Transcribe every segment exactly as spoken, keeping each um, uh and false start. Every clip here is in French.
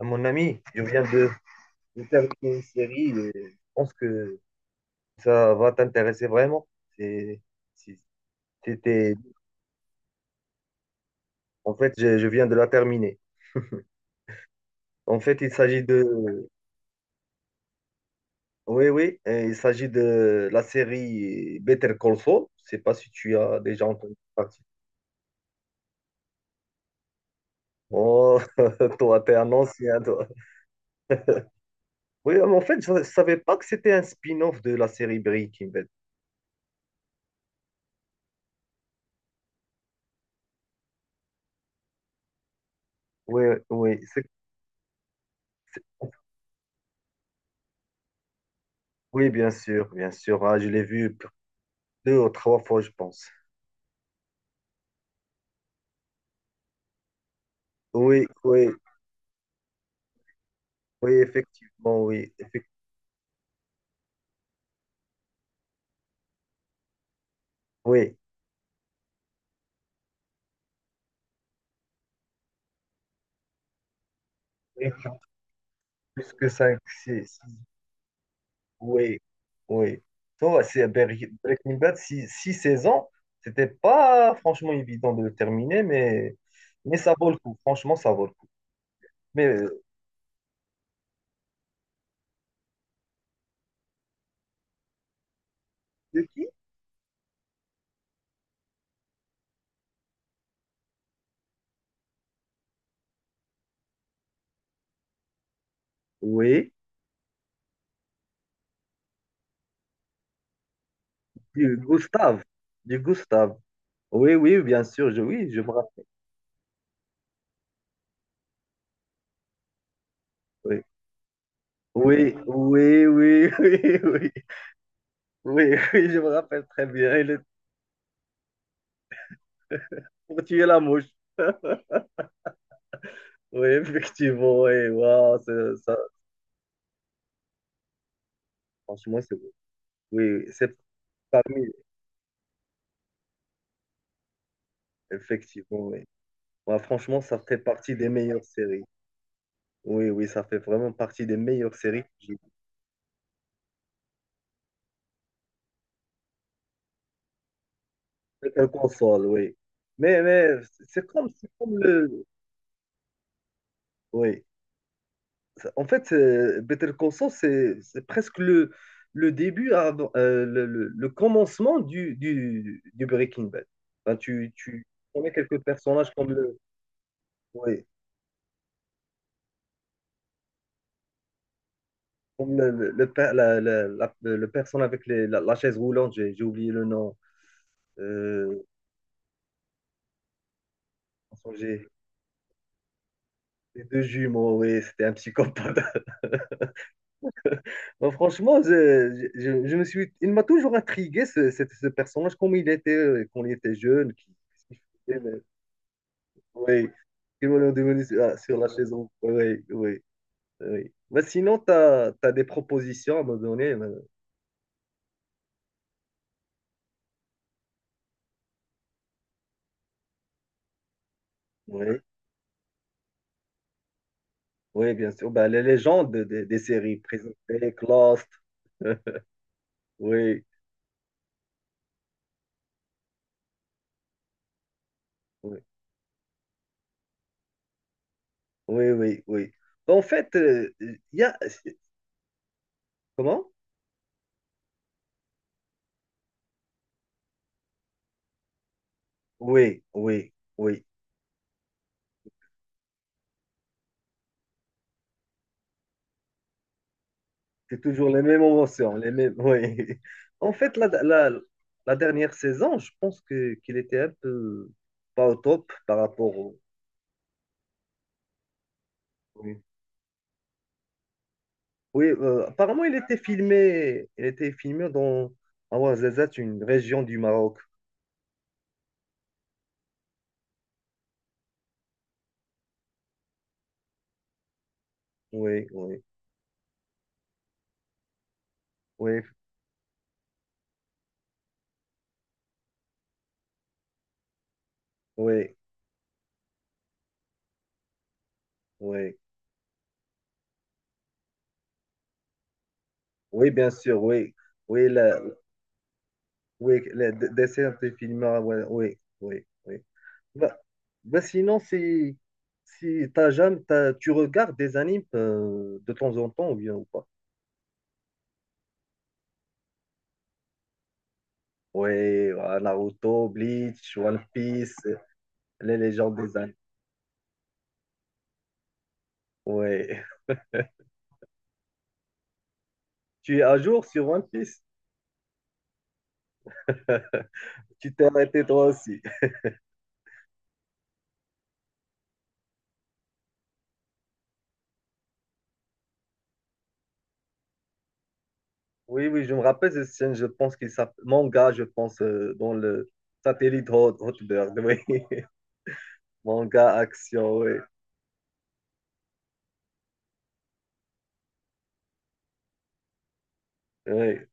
Mon ami, je viens de, de terminer une série et je pense que ça va t'intéresser vraiment. C'est, si t'étais- en fait, je, je viens de la terminer. En fait, il s'agit de, oui, oui, euh, il s'agit de la série Better Call Saul. Je sais pas si tu as déjà entendu parler. Oh, toi, t'es un ancien, toi. Oui, mais en fait, je, ne savais pas que c'était un spin-off de la série Breaking Bad. Oui, oui, c'est- oui, bien sûr, bien sûr. Ah, je l'ai vu deux ou trois fois, je pense. Oui, oui, oui, effectivement, oui, effec- oui, oui, plus que cinq, six, oui, oui. Toi, c'est Ber- Breaking Bad, six six saisons, c'était pas franchement évident de le terminer, mais, mais ça vaut le coup, franchement, ça vaut le coup. Mais euh, de qui? Oui, du Gustave, du Gustave. Oui, oui, bien sûr, je, oui, je me rappelle. Oui, oui, oui, oui, oui, oui, oui, oui, je me rappelle très bien. Il est pour tuer la mouche. Oui, effectivement, oui. Waouh, ça, ça, franchement, c'est beau. Oui, oui, c'est parmi, effectivement, oui. Ouais, franchement, ça fait partie des meilleures séries. Oui, oui, ça fait vraiment partie des meilleures séries que j'ai vues. C'est un console, oui. Mais, mais c'est comme, c'est comme le... Oui. Ça- En fait, c'est- Better Call Saul, c'est c'est presque le, le début, avant- euh, le, le, le commencement du, du, du Breaking Bad. Ben, tu, tu connais quelques personnages comme le... Oui. Comme le, le, le per- la, la- la- le personne avec les- la, la chaise roulante, j'ai j'ai oublié le nom. Euh, enfin, j'ai les deux jumeaux, oui, c'était un psychopathe. Bon, franchement, je, je- je me suis, il m'a toujours intrigué ce, ce- ce personnage, comme il était euh, quand il était jeune, qui, qui faisait, mais- oui, qui voulait devenir sur, ah, sur la chaise roulante. Oui, oui, oui. Mais sinon, tu as, des propositions à me donner. Mais- Oui, oui, bien sûr. Ben, les légendes des, des séries présentées, Lost, oui. Oui. Oui, oui, oui. Bah, en fait, euh, il y a... Comment? Oui, oui, oui. C'est toujours les mêmes émotions, les mêmes... Oui. En fait, la, la, la dernière saison, je pense que qu'il était un peu pas au top par rapport au... Oui, oui, euh, apparemment, il était filmé, il était filmé dans Ouarzazate, une région du Maroc. Oui, oui, oui, oui, oui. Oui, bien sûr, oui. Oui, la, oui, la, des films, oui, oui, oui. Bah, bah sinon, si, si t'as jamais, t'as- tu regardes des animes euh, de temps en temps ou bien ou pas? Ouais, voilà, Naruto, Bleach, One Piece, les légendes des animes. Ouais. Tu es à jour sur One Piece? Tu t'es arrêté toi aussi. Oui, oui, je me rappelle cette scène, je pense qu'il s'appelle manga, je pense, euh, dans le satellite Hot- Hotbird, oui. Manga action, oui. Oui.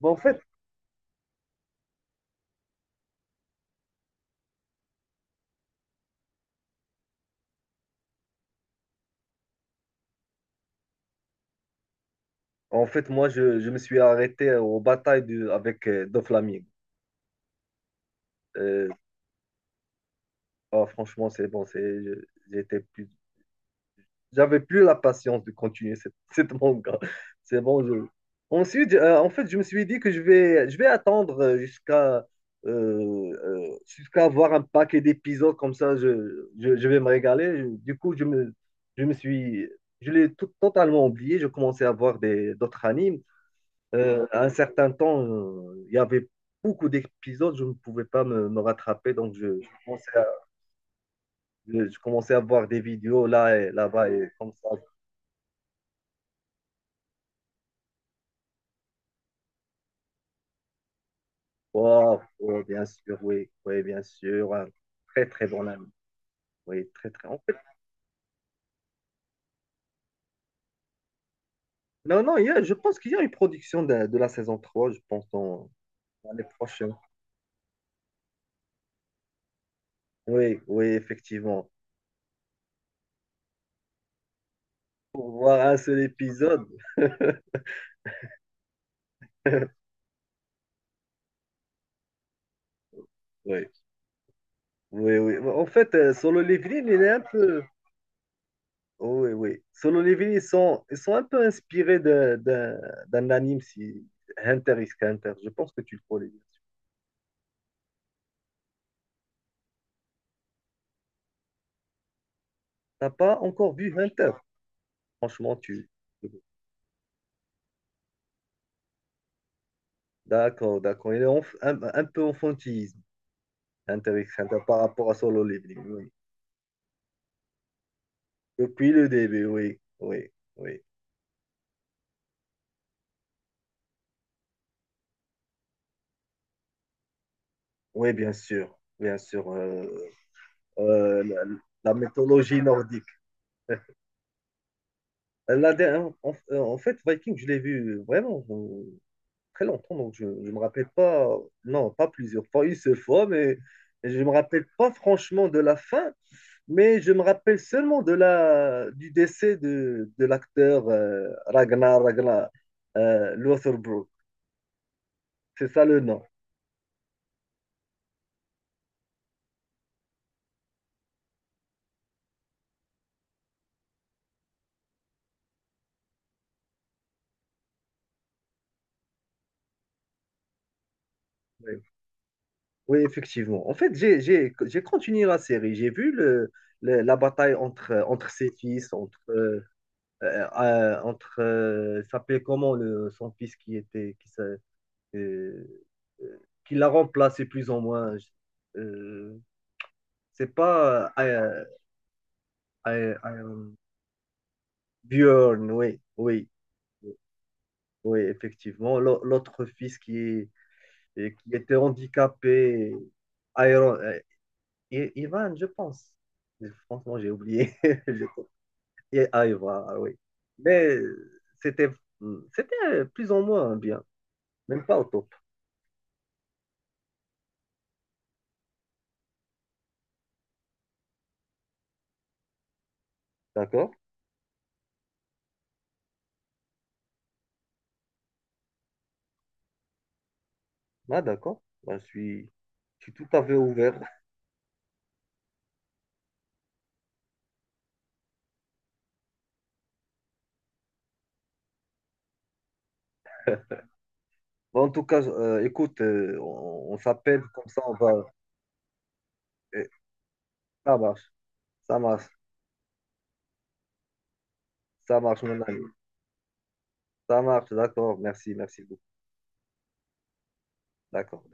Bon, en fait, en fait, moi, je, je me suis arrêté euh, aux batailles du, avec euh, Doflamingo. Euh, Ah, franchement, c'est bon, c'est, j'étais plus, j'avais plus la patience de continuer cette, cette manga. C'est bon, je. Ensuite, euh, en fait, je me suis dit que je vais, je vais attendre euh, jusqu'à euh, euh, jusqu'à avoir un paquet d'épisodes comme ça, je, je, je vais me régaler. Du coup, je me, je me suis, je l'ai tout- totalement oublié. Je commençais à voir des d'autres animes. Euh, à un certain temps, euh, il y avait beaucoup d'épisodes, je ne pouvais pas me, me rattraper, donc je, je commençais je, je commençais à voir des vidéos là et là-bas et comme ça. Oh, oh, bien sûr, oui, oui, bien sûr. Hein. Très, très bon ami. Oui, très, très. En fait, non, non, il y a- je pense qu'il y a une production de, de la saison trois je pense, en- l'année prochaine. Oui, oui, effectivement. Pour voir un seul épisode. Oui, oui, oui. En fait, euh, Solo Leveling, il est un peu. Oh, oui, oui. Solo Leveling, ils sont, ils sont un peu inspirés de- d'un d'un anime, si... Hunter x Hunter. Je pense que tu le connais. T'as pas encore vu vingt. Franchement, tu. D'accord, d'accord. Il est enf- un, un peu enfantisme, intéressant par rapport à Solo Leveling, oui. Depuis le début, oui, oui, oui. Oui, bien sûr, bien sûr. euh, euh, la, la mythologie nordique. Euh, La dernière- en, en fait, Viking, je l'ai vu vraiment euh, très longtemps, donc je ne me rappelle pas, non, pas plusieurs fois, une seule fois, mais je ne me rappelle pas franchement de la fin, mais je me rappelle seulement de la, du décès de, de l'acteur euh, Ragnar, Ragnar euh, Lothbrok. C'est ça le nom. Oui, oui, effectivement. En fait, j'ai, j'ai, j'ai continué la série. J'ai vu le, le- la bataille entre, entre ses fils, entre, euh, euh, euh, entre euh, il s'appelait comment le, son fils qui était, qui, s'a- euh, euh, qui l'a remplacé plus ou moins. Je- euh, c'est pas euh, I- I- I- Björn, oui, oui. Oui, effectivement. L'au- L'autre fils qui, est- et qui était handicapé, Iron, euh, I- Ivan, je pense. Mais franchement, j'ai oublié. Je- Et Ivan, ah oui. Mais euh, c'était hmm, c'était plus ou moins bien, même pas au top. D'accord? Ah, d'accord. Ben, je suis, je suis tout à fait ouvert. Bon, en tout cas, euh, écoute, euh, on, on s'appelle comme ça, on va. eh, Ça marche, ça marche, ça marche, mon ami. Ça marche, d'accord. Merci, merci beaucoup. D'accord.